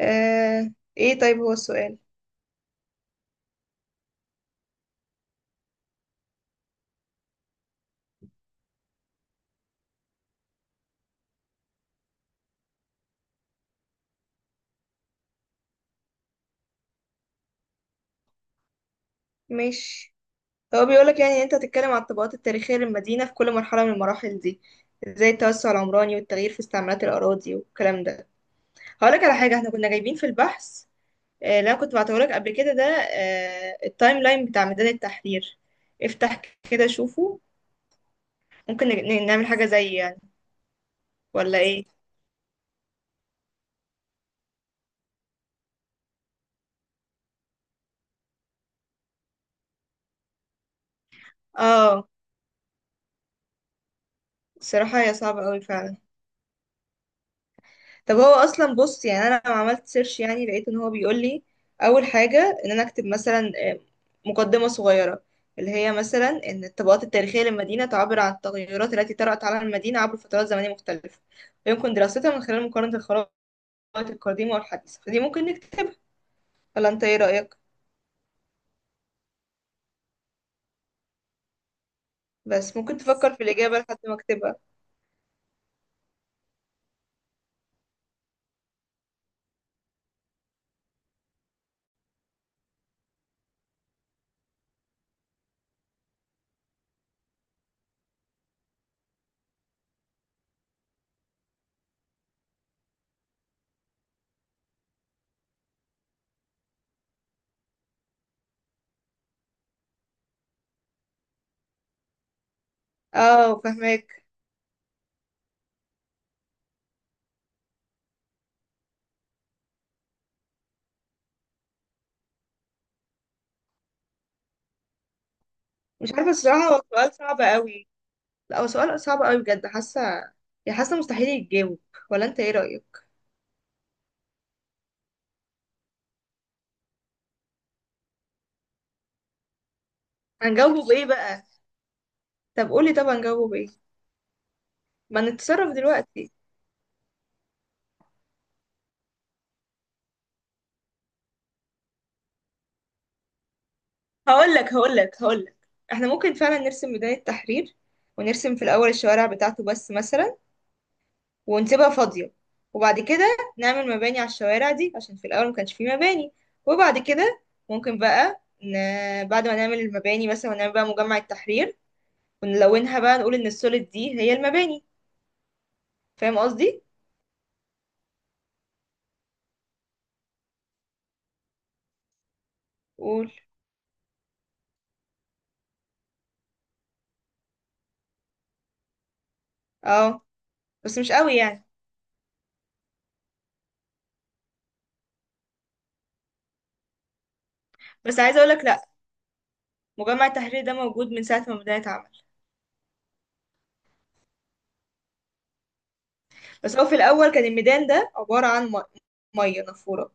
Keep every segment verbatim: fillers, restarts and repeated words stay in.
آه، ايه طيب هو السؤال. ماشي. هو بيقولك يعني إن انت هتتكلم عن الطبقات التاريخية للمدينة في كل مرحلة من المراحل دي، زي التوسع العمراني والتغيير في استعمالات الأراضي والكلام ده. هقولك على حاجة احنا كنا جايبين في البحث. آه، اللي انا كنت بعتهولك قبل كده ده آه، التايم لاين بتاع ميدان التحرير. افتح كده شوفه. ممكن نج- نعمل حاجة زي يعني، ولا ايه؟ اه، الصراحة هي صعبة قوي فعلا. طب هو اصلا بص، يعني انا لما عملت سيرش يعني لقيت ان هو بيقول لي اول حاجه ان انا اكتب مثلا آه، مقدمه صغيره، اللي هي مثلا ان الطبقات التاريخيه للمدينه تعبر عن التغيرات التي طرأت على المدينه عبر فترات زمنيه مختلفه، ويمكن دراستها من خلال مقارنه الخرائط القديمه والحديثه. فدي ممكن نكتبها، ولا انت ايه رأيك؟ بس ممكن تفكر في الاجابه لحد ما اكتبها. اه فهماك. مش عارفه الصراحه، هو سؤال صعب قوي. لا هو سؤال صعب قوي بجد، حاسه يعني، حاسه مستحيل يتجاوب. ولا انت ايه رأيك؟ هنجاوبه بايه بقى؟ طب قولي، طب هنجاوبه بايه؟ ما نتصرف دلوقتي. هقول لك هقول لك هقول لك احنا ممكن فعلا نرسم ميدان التحرير، ونرسم في الاول الشوارع بتاعته بس مثلا، ونسيبها فاضية. وبعد كده نعمل مباني على الشوارع دي عشان في الاول ما كانش فيه مباني. وبعد كده ممكن بقى ن... بعد ما نعمل المباني مثلا، ونعمل بقى مجمع التحرير، ونلونها بقى نقول ان السوليد دي هي المباني. فاهم قصدي؟ قول. اه بس مش قوي يعني. بس عايزه اقولك لا، مجمع التحرير ده موجود من ساعه ما بدات. بس هو في الأول كان الميدان ده عبارة عن م- مية نافورة.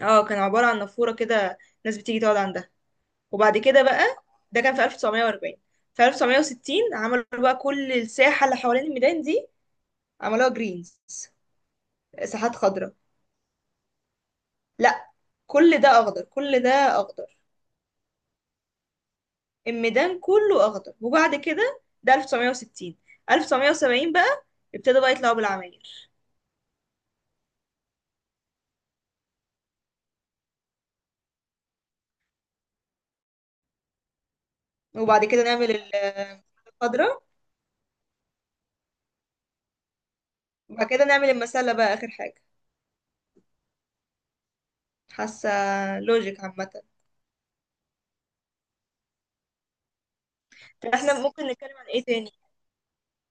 اه كان عبارة عن نافورة كده، ناس بتيجي تقعد عندها. وبعد كده بقى، ده كان في ألف وتسعمية وأربعين. في ألف وتسعمية وستين عملوا بقى كل الساحة اللي حوالين الميدان دي، عملوها جرينز، ساحات خضراء. لا، كل ده أخضر، كل ده أخضر، الميدان كله أخضر. وبعد كده ده ألف وتسعمية وستين، ألف وتسعمية وسبعين بقى ابتدوا بقى يطلعوا بالعماير. وبعد كده نعمل ال- الخضرة. وبعد كده نعمل المسلة بقى آخر حاجة. حاسة لوجيك عامة. طب احنا بس ممكن نتكلم عن ايه تاني؟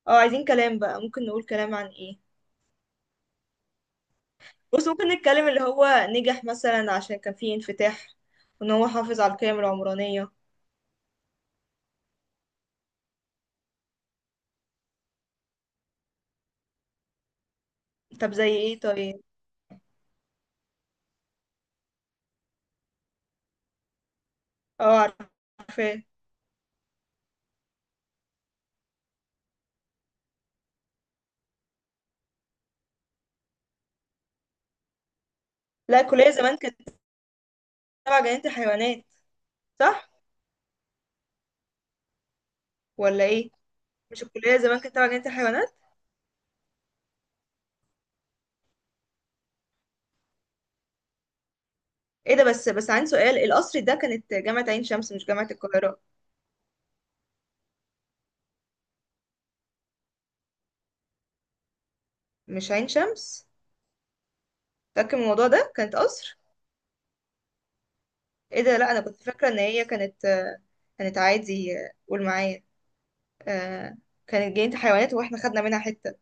اه عايزين كلام بقى، ممكن نقول كلام عن ايه؟ بص ممكن نتكلم اللي هو نجح مثلا عشان كان فيه انفتاح، وان هو حافظ على القيم العمرانية. طب زي ايه طيب؟ اه عارفاه. لا الكلية زمان كانت تبع جنينة الحيوانات، صح ولا ايه؟ مش الكلية زمان كانت تبع جنينة الحيوانات؟ ايه ده، بس بس عندي سؤال، القصر ده كانت جامعة عين شمس مش جامعة القاهرة؟ مش عين شمس؟ متأكد من الموضوع ده، كانت قصر. ايه ده، لا انا كنت فاكره ان هي كانت، آه، كانت عادي، آه، قول معايا، آه، كانت جنينه حيوانات واحنا خدنا منها حته.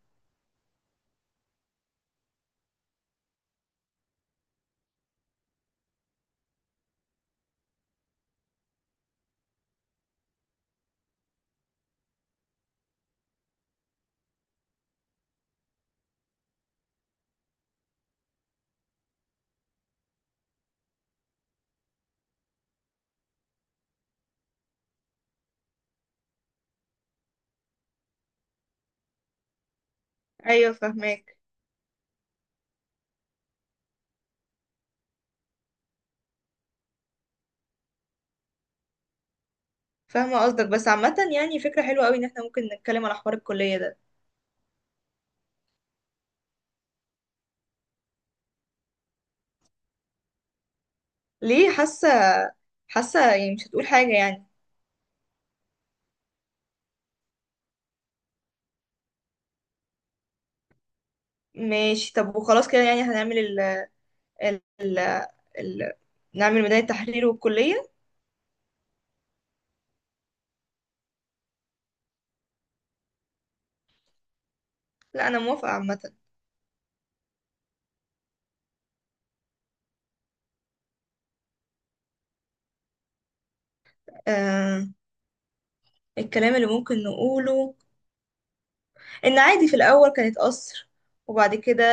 ايوه فاهماك. فاهمه قصدك، بس عامه يعني فكره حلوه قوي ان احنا ممكن نتكلم على حوار الكليه ده. ليه حاسه؟ حاسه يعني مش هتقول حاجه يعني. ماشي طب، وخلاص كده يعني هنعمل ال ال ال ال نعمل ميدان التحرير والكليه. لا انا موافقه عامه. آه، الكلام اللي ممكن نقوله، ان عادي في الاول كانت قصر، وبعد كده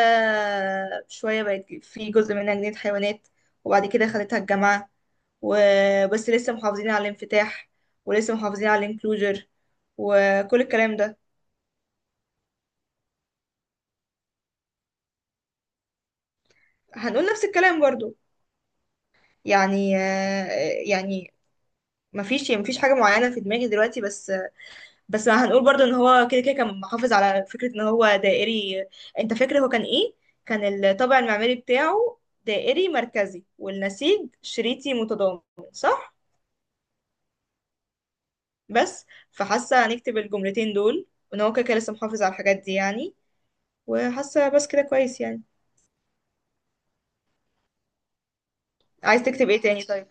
شويه بقت في جزء منها جنينه حيوانات، وبعد كده خدتها الجامعه. وبس لسه محافظين على الانفتاح، ولسه محافظين على الانكلوجر، وكل الكلام ده. هنقول نفس الكلام برضو، يعني آه، يعني مفيش مفيش حاجه معينه في دماغي دلوقتي بس. بس هنقول برضو ان هو كده كده كان محافظ على فكرة ان هو دائري. انت فاكر هو كان ايه؟ كان الطابع المعماري بتاعه دائري مركزي والنسيج شريطي متضامن، صح؟ بس فحاسة هنكتب الجملتين دول، وان هو كده كده لسه محافظ على الحاجات دي يعني. وحاسة بس كده كويس يعني. عايز تكتب ايه تاني طيب؟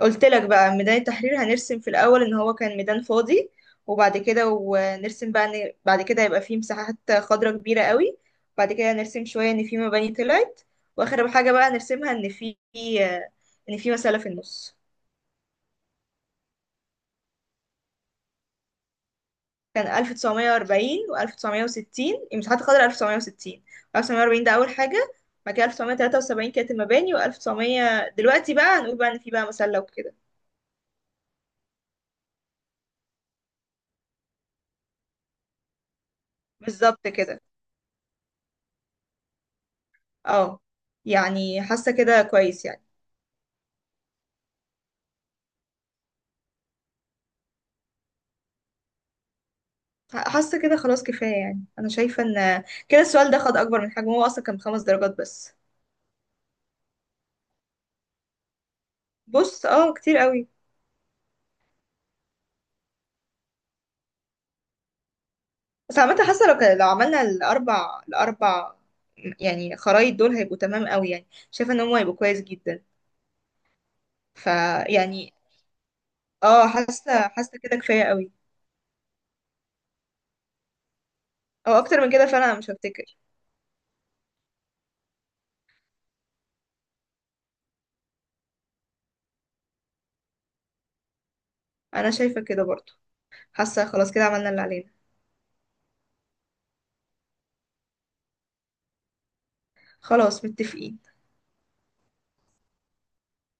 قلت لك بقى، ميدان التحرير هنرسم في الأول إن هو كان ميدان فاضي، وبعد كده ونرسم بقى إن بعد كده يبقى فيه مساحات خضراء كبيرة قوي، بعد كده نرسم شوية إن فيه مباني طلعت، وآخر حاجة بقى نرسمها إن فيه إن فيه مسألة في النص. كان ألف وتسعمية وأربعين و1960 مساحات خضراء، ألف وتسعمية وستين ألف وتسعمية وأربعين ده أول حاجة، بعد كده ألف وتسعمية وثلاثة وسبعين كانت المباني، وألف وتسعمية دلوقتي بقى هنقول بقى إن فيه بقى مسلة وكده. بالظبط كده. اه يعني حاسة كده كويس يعني. حاسة كده خلاص كفاية يعني، أنا شايفة إن كده السؤال ده خد أكبر من حجمه، هو أصلا كان بخمس درجات بس. بص اه كتير قوي. بس عامة حاسة لو كان- لو عملنا الأربع الأربع يعني خرايط دول هيبقوا تمام قوي، يعني شايفة إن هم هيبقوا كويس جدا. فيعني اه، حاسة حاسة كده كفاية قوي، أو أكتر من كده فعلا أنا مش هفتكر. أنا شايفة كده برضو، حاسة خلاص كده عملنا اللي علينا. خلاص متفقين.